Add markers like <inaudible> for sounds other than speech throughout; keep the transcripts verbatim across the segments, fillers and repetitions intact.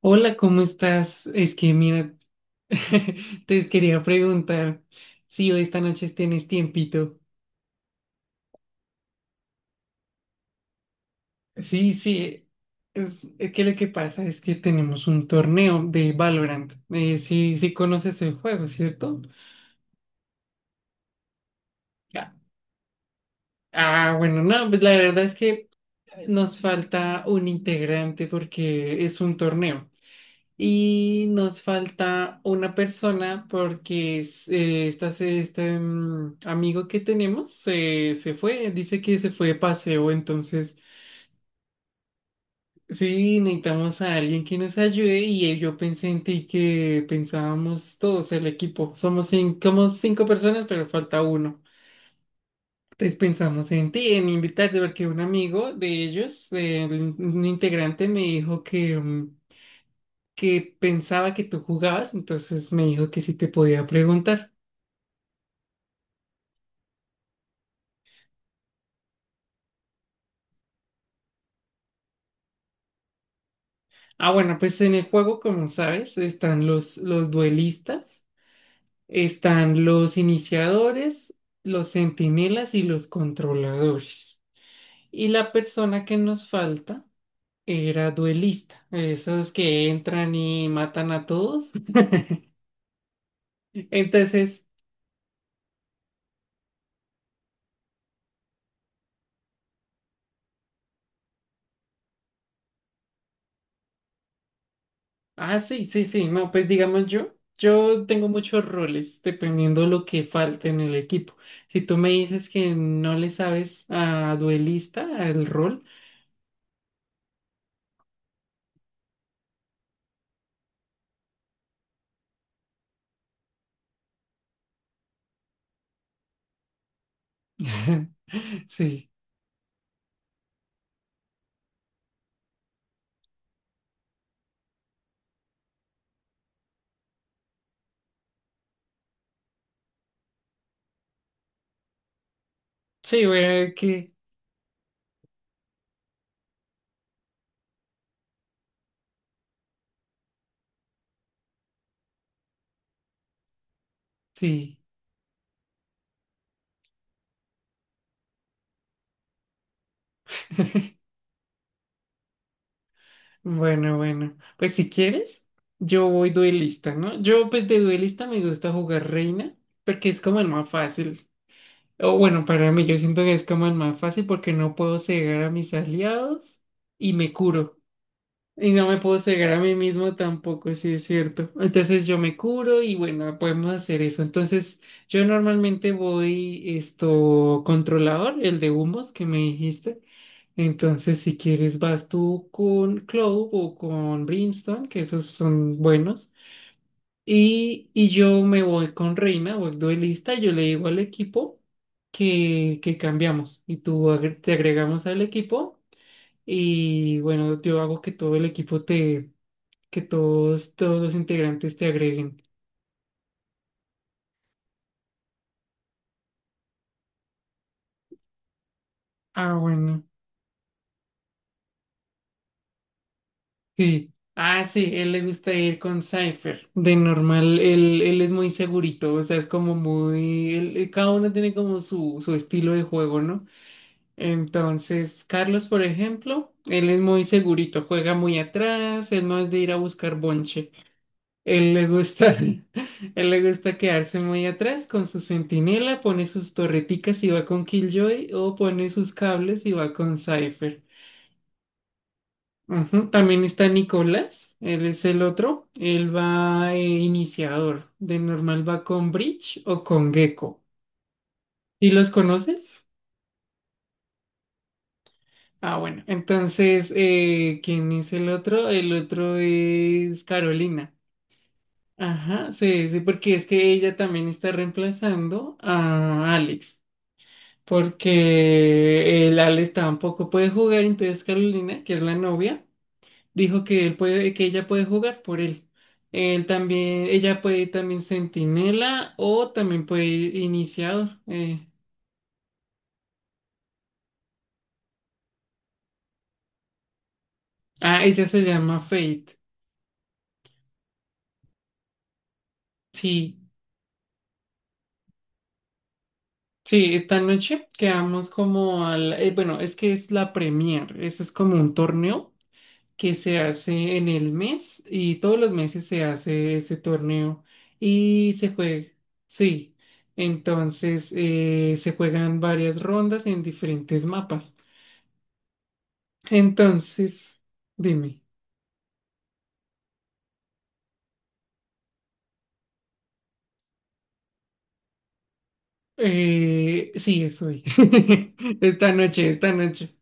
Hola, ¿cómo estás? Es que mira, <laughs> te quería preguntar si hoy esta noche tienes tiempito. Sí, sí, es, es que lo que pasa es que tenemos un torneo de Valorant. Eh, sí, sí conoces el juego, ¿cierto? Ya. Ah, bueno, no, pues la verdad es que nos falta un integrante porque es un torneo. Y nos falta una persona porque es, eh, esta se- este mm, amigo que tenemos se, se fue, dice que se fue de paseo, entonces sí, necesitamos a alguien que nos ayude y eh, yo pensé en ti que pensábamos todos el equipo, somos cinco, somos cinco, personas pero falta uno. Entonces pensamos en ti, en invitarte, porque un amigo de ellos, eh, un un integrante me dijo que... mm, que pensaba que tú jugabas, entonces me dijo que sí te podía preguntar. Ah, bueno, pues en el juego, como sabes, están los, los duelistas, están los iniciadores, los centinelas y los controladores. Y la persona que nos falta era duelista, esos que entran y matan a todos. <laughs> Entonces... Ah, sí, sí, sí. No, pues digamos yo, yo tengo muchos roles dependiendo lo que falte en el equipo. Si tú me dices que no le sabes a duelista, al rol, <laughs> sí, sí, bueno, que sí. Bueno, bueno. Pues si quieres, yo voy duelista, ¿no? Yo pues de duelista me gusta jugar Reina porque es como el más fácil. O bueno, para mí yo siento que es como el más fácil porque no puedo cegar a mis aliados y me curo. Y no me puedo cegar a mí mismo tampoco, sí es cierto. Entonces yo me curo y bueno, podemos hacer eso. Entonces yo normalmente voy esto controlador, el de humos que me dijiste. Entonces si quieres vas tú con Clove o con Brimstone, que esos son buenos. Y, y yo me voy con Reina, voy duelista, yo le digo al equipo que, que cambiamos y tú agre- te agregamos al equipo. Y bueno, yo hago que todo el equipo te que todos, todos los integrantes te agreguen. Ah, bueno. Sí. Ah, sí, él le gusta ir con Cypher. De normal, él, él es muy segurito, o sea, es como muy... él- él- cada uno tiene como su, su estilo de juego, ¿no? Entonces, Carlos, por ejemplo, él es muy segurito, juega muy atrás, él no es de ir a buscar bonche. Él le gusta, <laughs> él le gusta quedarse muy atrás con su centinela, pone sus torreticas y va con Killjoy o pone sus cables y va con Cypher. Ujú. También está Nicolás, él es el otro, él va eh, iniciador, de normal va con Bridge o con Gecko. ¿Y los conoces? Ah, bueno, entonces, eh, ¿quién es el otro? El otro es Carolina. Ajá, sí, sí, porque es que ella también está reemplazando a Alex, porque el Alex tampoco puede jugar, entonces Carolina, que es la novia. Dijo que él puede, que ella puede jugar por él. Él también, ella puede ir también centinela o también puede ir iniciador. eh. Ah, ella se llama Fate. Sí, sí, esta noche quedamos como al, eh, bueno, es que es la Premier, eso es como un torneo que se hace en el mes y todos los meses se hace ese torneo y se juega, sí. Entonces eh, se juegan varias rondas en diferentes mapas. Entonces, dime. Eh, sí, es hoy. <laughs> Esta noche, esta noche.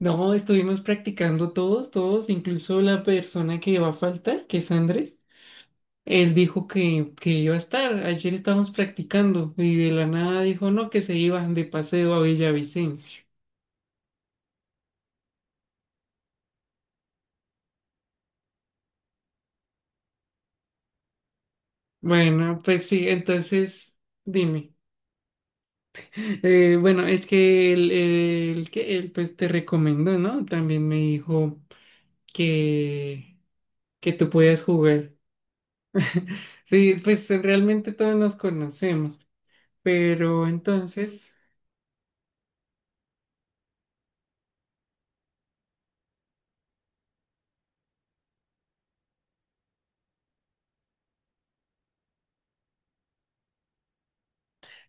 No, estuvimos practicando todos, todos, incluso la persona que va a faltar, que es Andrés. Él dijo que, que iba a estar. Ayer estábamos practicando y de la nada dijo no, que se iban de paseo a Villavicencio. Bueno, pues sí, entonces, dime. Eh, bueno, es que él, él, que él, pues te recomendó, ¿no? También me dijo que. que. Tú puedas jugar. Sí, pues eh, realmente todos nos conocemos, pero entonces,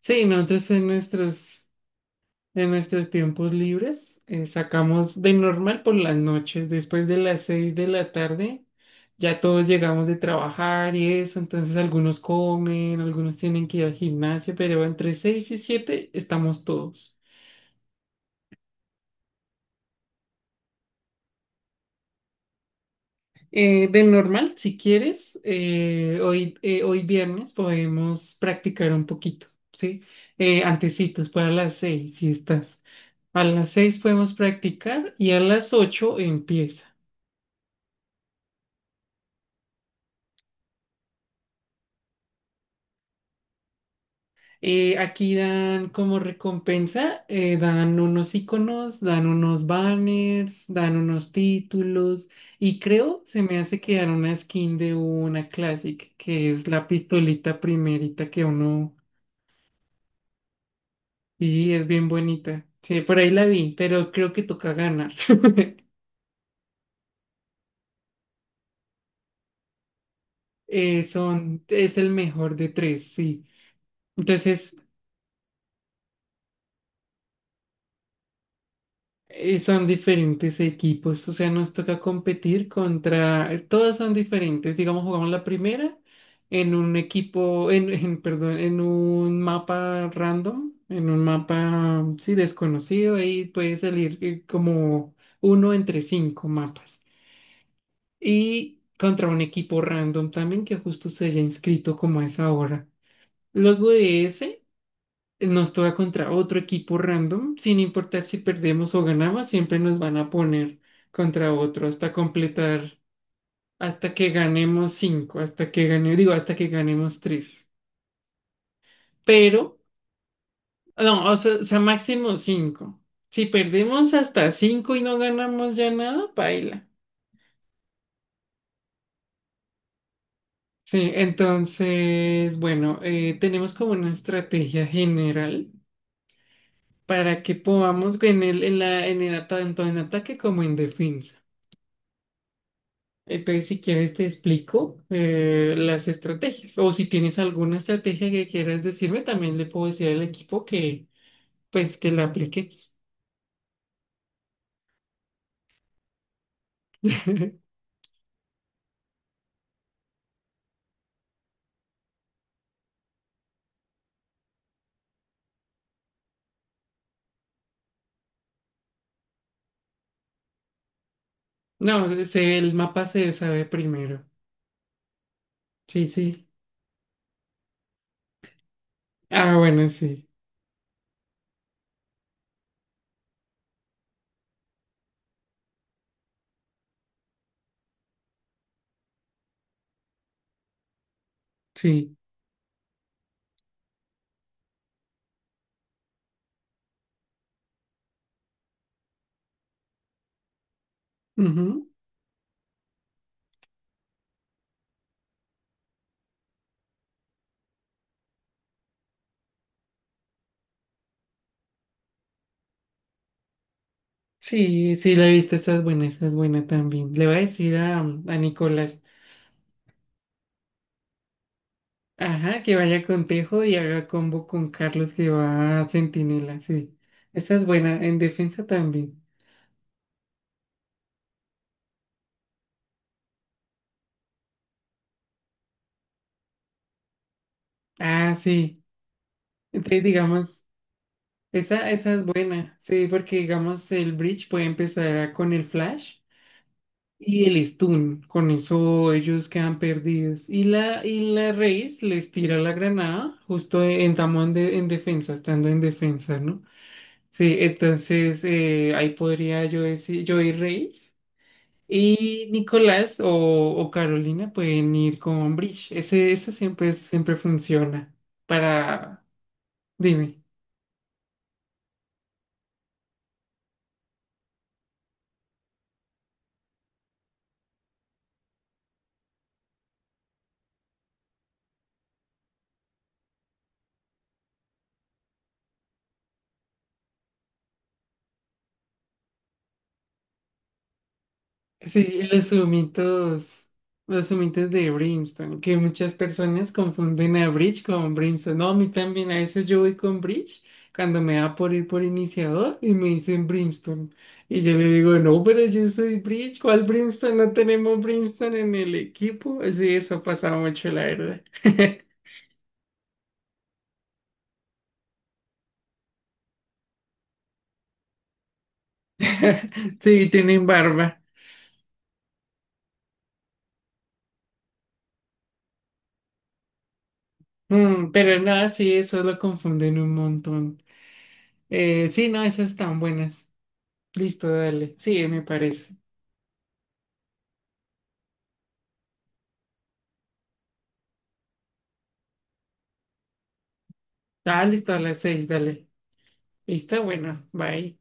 sí, nosotros en nuestros, en nuestros tiempos libres eh, sacamos de normal por las noches, después de las seis de la tarde, ya todos llegamos de trabajar y eso, entonces algunos comen, algunos tienen que ir al gimnasio, pero entre seis y siete estamos todos. Eh, de normal, si quieres, eh, hoy, eh, hoy viernes podemos practicar un poquito, ¿sí? Eh, antecitos, para las seis, si estás. A las seis podemos practicar y a las ocho empieza. Eh, aquí dan como recompensa, eh, dan unos iconos, dan unos banners, dan unos títulos y creo se me hace que dan una skin de una Classic, que es la pistolita primerita que uno. Sí, es bien bonita. Sí, por ahí la vi, pero creo que toca ganar. <laughs> Eh, son, es el mejor de tres, sí. Entonces, eh, son diferentes equipos, o sea, nos toca competir contra, eh, todos son diferentes. Digamos, jugamos la primera en un equipo, en, en, perdón, en un mapa random, en un mapa, sí, desconocido, ahí puede salir eh, como uno entre cinco mapas. Y contra un equipo random también que justo se haya inscrito como a esa hora. Luego de ese, nos toca contra otro equipo random, sin importar si perdemos o ganamos, siempre nos van a poner contra otro hasta completar, hasta que ganemos cinco, hasta que gane, digo, hasta que ganemos tres. Pero, no, o sea, o sea, máximo cinco. Si perdemos hasta cinco y no ganamos ya nada, paila. Sí, entonces, bueno, eh, tenemos como una estrategia general para que podamos en el, en la, en el ata- tanto en ataque como en defensa. Entonces, si quieres, te explico eh, las estrategias. O si tienes alguna estrategia que quieras decirme, también le puedo decir al equipo que, pues, que la apliquemos. <laughs> No, se- el mapa se sabe primero. Sí, sí. Ah, bueno, sí, sí. Sí, sí, la he visto, esa es buena, esa es buena también. Le voy a decir a, a, Nicolás, ajá, que vaya con Tejo y haga combo con Carlos que va a Centinela, sí. Esa es buena, en defensa también. Ah, sí. Entonces, digamos, esa, esa es buena, sí, porque digamos, el Bridge puede empezar con el flash y el stun, con eso ellos quedan perdidos. Y la, y la Reis les tira la granada justo en tamón de, en defensa, estando en defensa, ¿no? Sí, entonces eh, ahí podría yo decir, yo ir Reyes y Nicolás o, o Carolina pueden ir con Bridge. Ese, esa siempre, es- siempre funciona para, dime. Sí, y los humitos, los humitos, de Brimstone, que muchas personas confunden a Bridge con Brimstone. No, a mí también, a veces yo voy con Bridge cuando me da por ir por iniciador y me dicen Brimstone. Y yo le digo, no, pero yo soy Bridge, ¿cuál Brimstone? No tenemos Brimstone en el equipo. Sí, eso pasa mucho, la verdad. <laughs> Sí, tienen barba. Mm, pero nada, sí, eso lo confunden un montón. Eh, sí, no, esas están buenas. Listo, dale. Sí, me parece. Dale, listo, a las seis, dale. Está bueno, bye.